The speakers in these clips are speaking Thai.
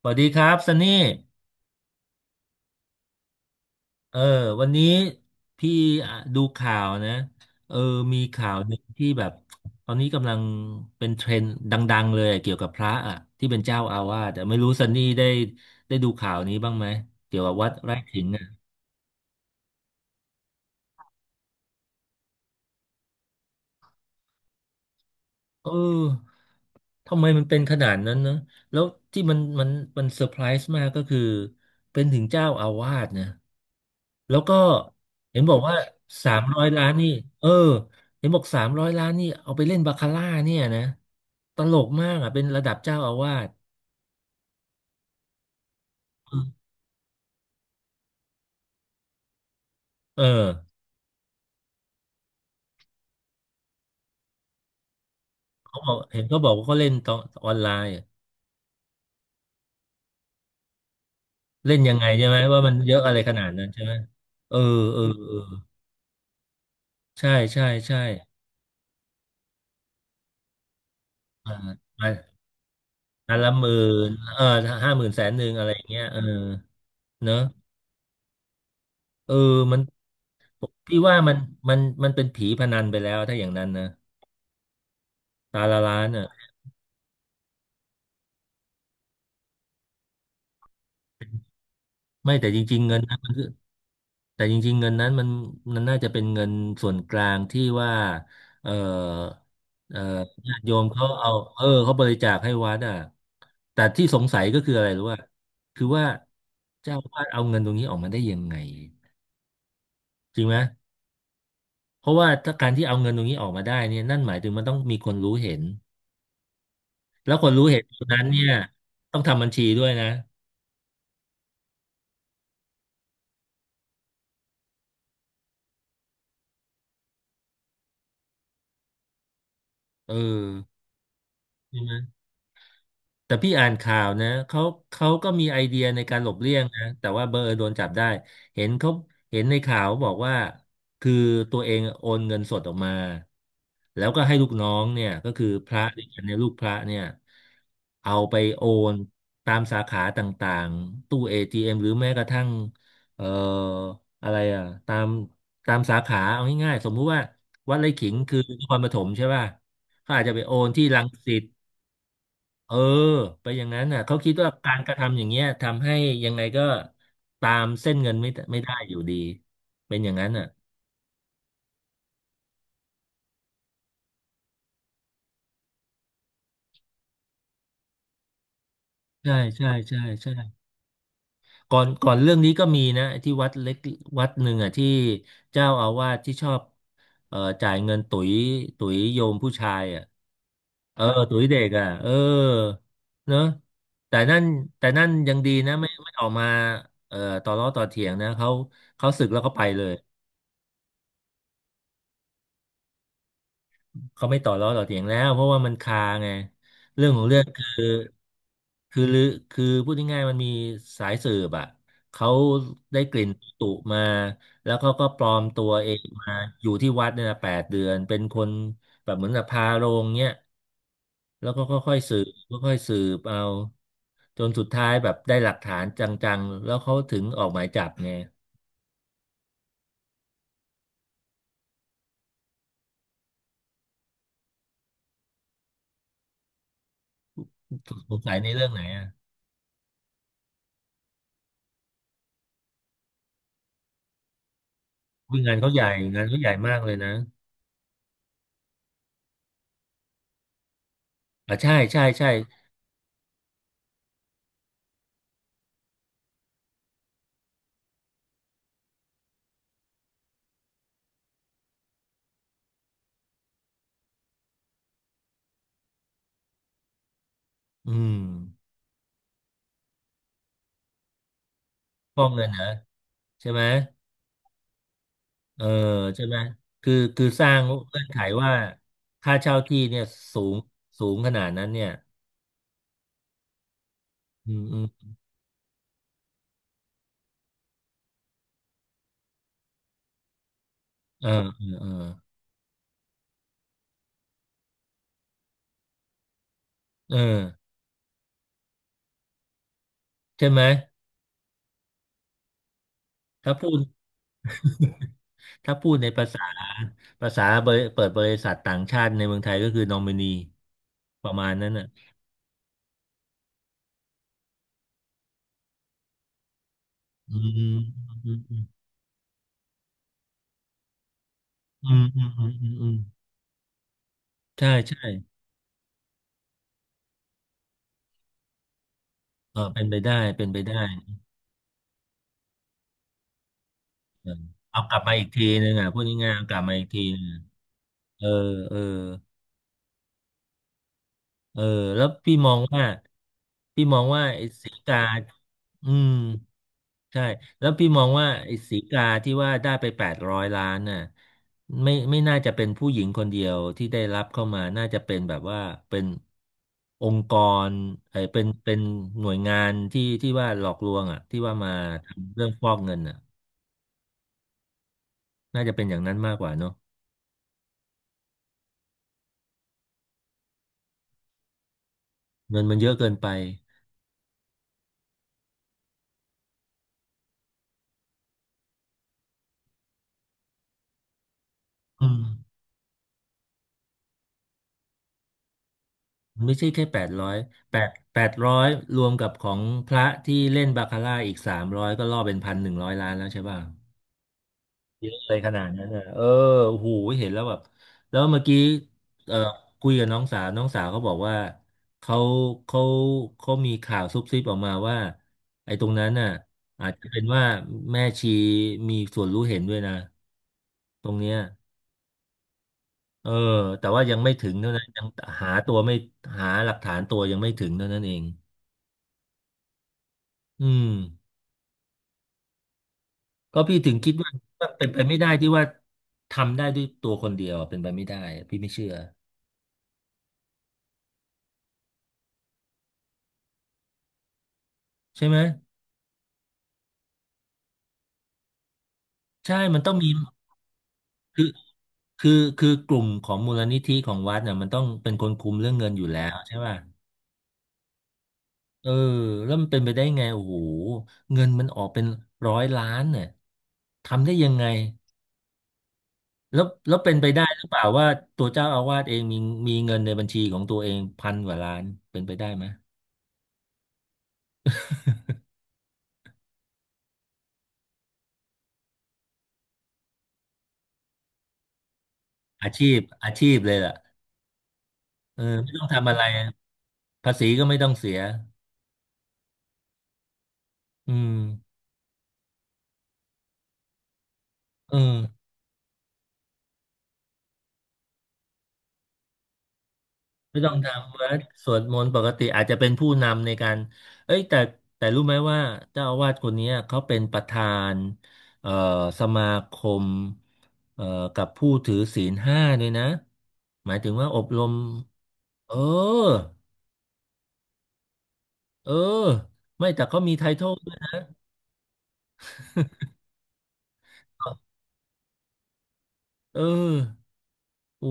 สวัสดีครับซันนี่เออวันนี้พี่อ่ะดูข่าวนะเออมีข่าวหนึ่งที่แบบตอนนี้กำลังเป็นเทรนด์ดังๆเลยอะเกี่ยวกับพระอ่ะที่เป็นเจ้าอาวาสแต่ไม่รู้ซันนี่ได้ดูข่าวนี้บ้างไหมเกี่ยวกับวัดไร่ขิงอ่ะเออทำไมมันเป็นขนาดนั้นนะแล้วที่มันเซอร์ไพรส์มากก็คือเป็นถึงเจ้าอาวาสนะ แล้วก็เห็นบอกว่าสามร้อยล้านนี่เออเห็นบอกสามร้อยล้านนี่เอาไปเล่นบาคาร่าเนี่ยนะตลกมากอ่ะเป็นระดับเจ้าอาวาสเออเห็นเขาบอกว่าเขาเล่นออนไลน์อะเล่นยังไงใช่ไหมว่ามันเยอะอะไรขนาดนั้นใช่ไหมเออเออเออใช่ใช่ใช่อ่ามาอันละ 10,00050,000 100,000อะไรอย่างเงี้ยเนอะเออมันพี่ว่ามันเป็นผีพนันไปแล้วถ้าอย่างนั้นนะตาละ 1 ล้านอ่ะ ไม่แต่จริงๆเงินนั้นมันคือแต่จริงๆเงินนั้นมันน่าจะเป็นเงินส่วนกลางที่ว่าเออเออญาติโยมเขาเอาเขาบริจาคให้วัดอ่ะแต่ที่สงสัยก็คืออะไรรู้ว่าคือว่าเจ้าอาวาสเอาเงินตรงนี้ออกมาได้ยังไงจริงไหมเพราะว่าถ้าการที่เอาเงินตรงนี้ออกมาได้เนี่ยนั่นหมายถึงมันต้องมีคนรู้เห็นแล้วคนรู้เห็นคนนั้นเนี่ยต้องทำบัญชีด้วยนะเออใช่ไหม แต่พี่อ่านข่าวนะเขาก็มีไอเดียในการหลบเลี่ยงนะแต่ว่าเบอร์โดนจับได้เห็นเขาเห็นในข่าวบอกว่าคือตัวเองโอนเงินสดออกมาแล้วก็ให้ลูกน้องเนี่ยก็คือพระด้วยกันเนี่ยลูกพระเนี่ยเอาไปโอนตามสาขาต่างๆตู้ ATM หรือแม้กระทั่งเอ่ออะไรอ่ะตามสาขาเอาง่ายๆสมมุติว่าวัดไร่ขิงคือนครปฐมใช่ป่ะเขาอาจจะไปโอนที่รังสิต เออไปอย่างนั้นน่ะเขาคิดว่าการกระทำอย่างเงี้ยทำให้ยังไงก็ตามเส้นเงินไม่ได้อยู่ดีเป็นอย่างนั้นน่ะใช่ใช่ใช่ใช่ก่อนเรื่องนี้ก็มีนะที่วัดเล็กวัดหนึ่งอ่ะที่เจ้าอาวาสที่ชอบจ่ายเงินตุ๋ยโยมผู้ชายอ่ะเออตุ๋ยเด็กอ่ะเนอะแต่นั่นแต่นั่นยังดีนะไม่ออกมาเอ่อต่อล้อต่อเถียงนะเขาสึกแล้วเขาไปเลย เขาไม่ต่อล้อต่อเถียงแล้วเพราะว่ามันคาไงเรื่องของเรื่องคือลือคือพูดง่ายๆมันมีสายสืบอ่ะเขาได้กลิ่นตุมาแล้วเขาก็ปลอมตัวเองมาอยู่ที่วัดเนี่ยนะ8 เดือนเป็นคนแบบเหมือนกับพาโรงเนี่ยแล้วก็ค่อยๆสืบค่อยๆสืบเอาจนสุดท้ายแบบได้หลักฐานจังๆแล้วเขาถึงออกหมายจับไงสงสัยในเรื่องไหนอ่ะงานเขาใหญ่งานเขาใหญ่มากเลยนะอ่ะใช่ใช่ใช่อืม ฟอกเงินเหรอใช่ไหมเออใช่ไหมคือสร้างเงื่อนไขว่าค่าเช่าที่เนี่ยสูงสูงขนาดนั้นเนี่ยอืมอืมเออเออเออเออใช่ไหมถ้าพูดถ้าพูดในภาษาเปิดบริษัทต่างชาติในเมืองไทยก็คือนอมินีประมาณนั้นน่ะอืมอืมอืมอืมอืมอืมอืมอืมใช่ใช่เป็นไปได้เป็นไปได้ เออเอากลับมาอีกทีนึงอ่ะพูดง่ายๆเอากลับมาอีกทีนึงเออเออเออแล้วพี่มองว่าพี่มองว่าไอ้สีกาอืมใช่แล้วพี่มองว่าไอ้สีกาที่ว่าได้ไป800 ล้านน่ะไม่น่าจะเป็นผู้หญิงคนเดียวที่ได้รับเข้ามาน่าจะเป็นแบบว่าเป็นองค์กรเป็นหน่วยงานที่ว่าหลอกลวงอ่ะที่ว่ามาทำเรื่องฟอกเงินอ่ะน่าจะเป็นอย่างนั้นมากกว่าเนอะเงินมันเยอะเกินไป อืมไม่ใช่แค่แปดร้อยแปดแปดร้อยรวมกับของพระที่เล่นบาคาร่าอีกสามร้อยก็ล่อเป็น1,100 ล้านแล้วใช่ป่ะเยอะเลยขนาดนั้นน่ะโอ้โหเห็นแล้วแบบแล้วเมื่อกี้เออคุยกับน้องสาวเขาบอกว่าเขาเขาเขามีข่าวซุบซิบออกมาว่าไอ้ตรงนั้นน่ะอาจจะเป็นว่าแม่ชีมีส่วนรู้เห็นด้วยนะตรงเนี้ย เออแต่ว่ายังไม่ถึงเท่านั้นยังหาตัวไม่หาหลักฐานตัวยังไม่ถึงเท่านั้นเองอืมก็พี่ถึงคิดว่าเป็นไปไม่ได้ที่ว่าทำได้ด้วยตัวคนเดียวเป็นไปไม่ได้พี่ไม่เชื่อใช่ไหมใช่มันต้องมีคือคือคือกลุ่มของมูลนิธิของวัดเนี่ยมันต้องเป็นคนคุมเรื่องเงินอยู่แล้วใช่ป่ะเออแล้วมันเป็นไปได้ไงโอ้โหเงินมันออกเป็นร้อยล้านเนี่ยทำได้ยังไง แล้วเป็นไปได้หรือเปล่าว่าตัวเจ้าอาวาสเองมีเงินในบัญชีของตัวเองพันกว่าล้านเป็นไปได้ไหมอาชีพเลยล่ะเออไม่ต้องทำอะไรภาษีก็ไม่ต้องเสียอืมเออไม่ต้องทำวัดสวดมนต์ปกติอาจจะเป็นผู้นำในการเอ้ยแต่รู้ไหมว่าเจ้าอาวาสคนเนี้ยเขาเป็นประธานเอ่อสมาคมเอ่อกับผู้ถือศีลห้าด้วยนะหมายถึงว่าอบรมเออ เออไม่แต่เขามีไททอลด้วยเหรอเออโอ้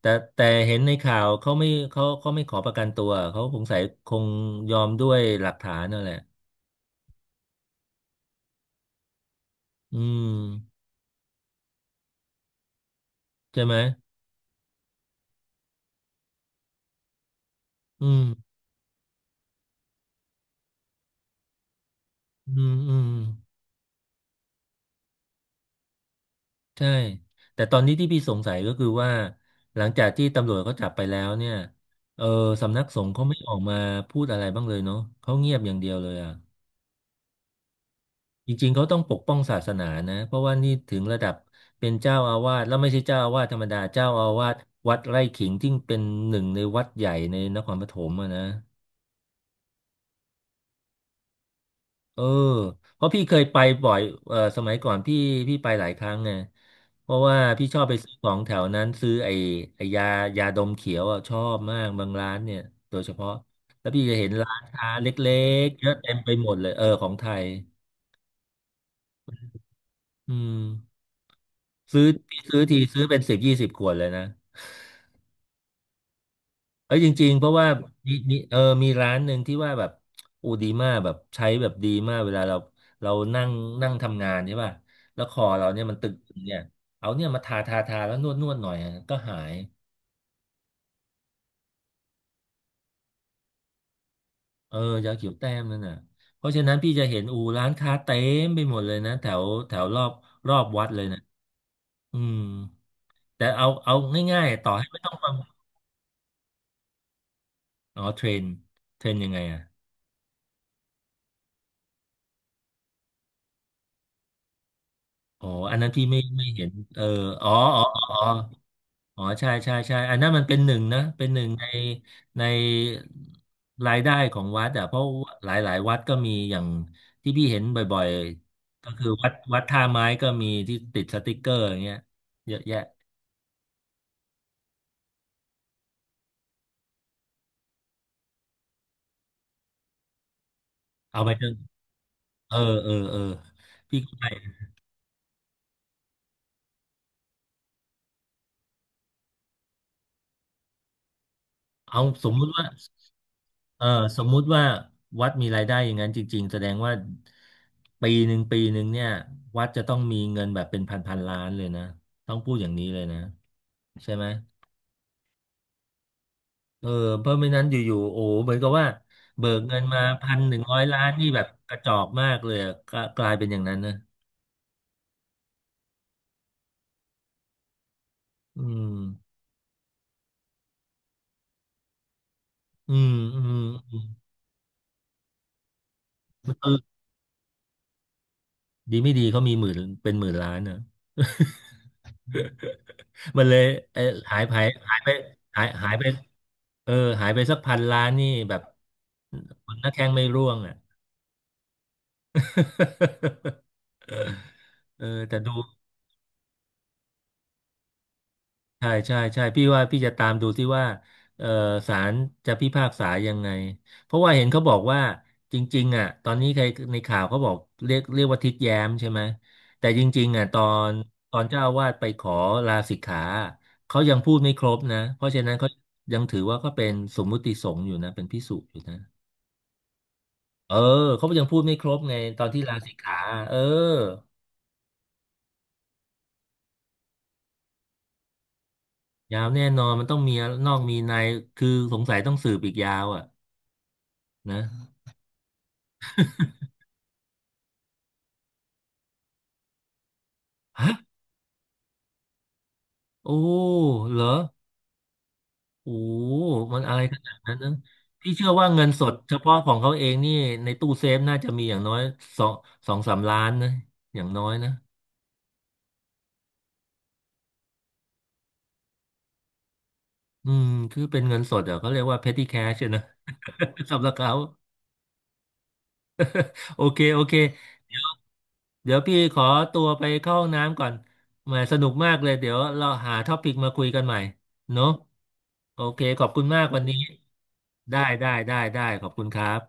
แต่แต่เห็นในข่าวเขาไม่เขาเขาไม่ขอประกันตัวเขาสงสัยคงยอมด้วยหลักฐานนั่นแหละอืมใช่ไหมอืมอืมอืมใช่แต่ตอนนี้ที่พี่สงสัยก็คือว่าหลังจากที่ตำรวจเขาจับไปแล้วเนี่ยเออสำนักสงฆ์เขาไม่ออกมาพูดอะไรบ้างเลยเนาะเขาเงียบอย่างเดียวเลยอ่ะ จริงๆเขาต้องปกป้องศาสนานะเพราะว่านี่ถึงระดับเป็นเจ้าอาวาสแล้วไม่ใช่เจ้าอาวาสธรรมดาเจ้าอาวาสวัดไร่ขิงที่เป็นหนึ่งในวัดใหญ่ในนครปฐมอะนะเออเพราะพี่เคยไปบ่อยเออสมัยก่อนพี่ไปหลายครั้งไงเพราะว่าพี่ชอบไปซื้อของแถวนั้นซื้อไอ้ยาดมเขียวอะชอบมากบางร้านเนี่ยโดยเฉพาะแล้วพี่จะเห็นร้านค้าเล็กๆเยอะเต็มไปหมดเลยเออของไทยอืมซื้อพี่ซื้อทีซื้อเป็นสิบยี่สิบขวดเลยนะ เอ้ยจริงๆเพราะว่ามีมีเออมีร้านหนึ่งที่ว่าแบบอูดีมากแบบใช้แบบดีมากเวลาเรานั่งนั่งทำงานใช่ป่ะแล้วคอเราเนี่ยมันตึงๆเนี่ยเอาเนี่ยมาทาแล้วนวดหน่อยอะก็หายเออยาเขียวแต้มนั่นน่ะเพราะฉะนั้นพี่จะเห็นอูร้านค้าเต็มไปหมดเลยนะแถวแถวรอบรอบวัดเลยนะอืมแต่เอาง่ายๆต่อให้ไม่ต้องฟังอ๋อเทรนยังไงอ่ะอ๋ออันนั้นพี่ไม่เห็นเอออ๋ออ๋ออ๋อ อ๋อใช่ใช่ใช่อันนั้นมันเป็นหนึ่งนะเป็นหนึ่งในในรายได้ของวัดอ่ะเพราะหลายหลายวัดก็มีอย่างที่พี่เห็นบ่อยๆก็คือวัดท่าไม้ก็มีที่ติดสติกเกอร์อย่างเงี้ยเยอะแยะเอาไปจนเออเออพี่ก็ไปเอาสมมุติว่าเออสมมุติว่าวัดมีรายได้อย่างนั้นจริงๆแสดงว่าปีหนึ่งเนี่ยวัดจะต้องมีเงินแบบเป็นพันพันล้านเลยนะต้องพูดอย่างนี้เลยนะใช่ไหม เออเพราะไม่นั้นอยู่ๆโอ้เหมือนกับว่าเบิกเงินมาพันหนึ่งร้อยล้านนี่แบบกระจอกมากเลยอะกลายเป็นอย่างนั้นนะอืมอืมอืมอืมคือดีไม่ดีเขามีหมื่นเป็นหมื่นล้านนะ มันเลยเออหายไปหายไปหายไปเออหายไปสักพันล้านนี่แบบคนหน้าแข้งไม่ร่วงอ่ะ เออแต่ดู ใช่ใช่ใช่พี่ว่าพี่จะตามดูที่ว่าเออศาลจะพิพากษายังไงเพราะว่าเห็นเขาบอกว่าจริงๆอ่ะตอนนี้ใครในข่าวเขาบอกเรียกว่าทิดแย้มใช่ไหมแต่จริงๆอ่ะนตอนเจ้าอาวาสไปขอลาสิกขาเขายังพูดไม่ครบนะเพราะฉะนั้นเขายังถือว่าก็เป็นสมมุติสงฆ์อยู่นะเป็นภิกษุอยู่นะเออเขายังพูดไม่ครบไงตอนที่ลาสิกขาเออยาวแน่นอนมันต้องมีนอกมีในคือสงสัยต้องสืบอีกยาวอ่ะนะ โอ้เหรอ โอ้มันอะไรขนาดนั้นนะพี่เชื่อว่าเงินสดเฉพาะของเขาเองนี่ในตู้เซฟน่าจะมีอย่างน้อยสองสองสามล้านนะ อย่างน้อยนะ อืม คือเป็นเงินสดอ่ะเขาเรียกว่า petty cash อะนะ สำหรับเขา โอเคเดี๋ยวพี่ขอตัวไปเข้าห้องน้ำก่อนแหมสนุกมากเลย เดี๋ยวเราหาท็อปิกมาคุยกันใหม่เนอะโอเค ขอบคุณมากวันนี้ได้ขอบคุณครับ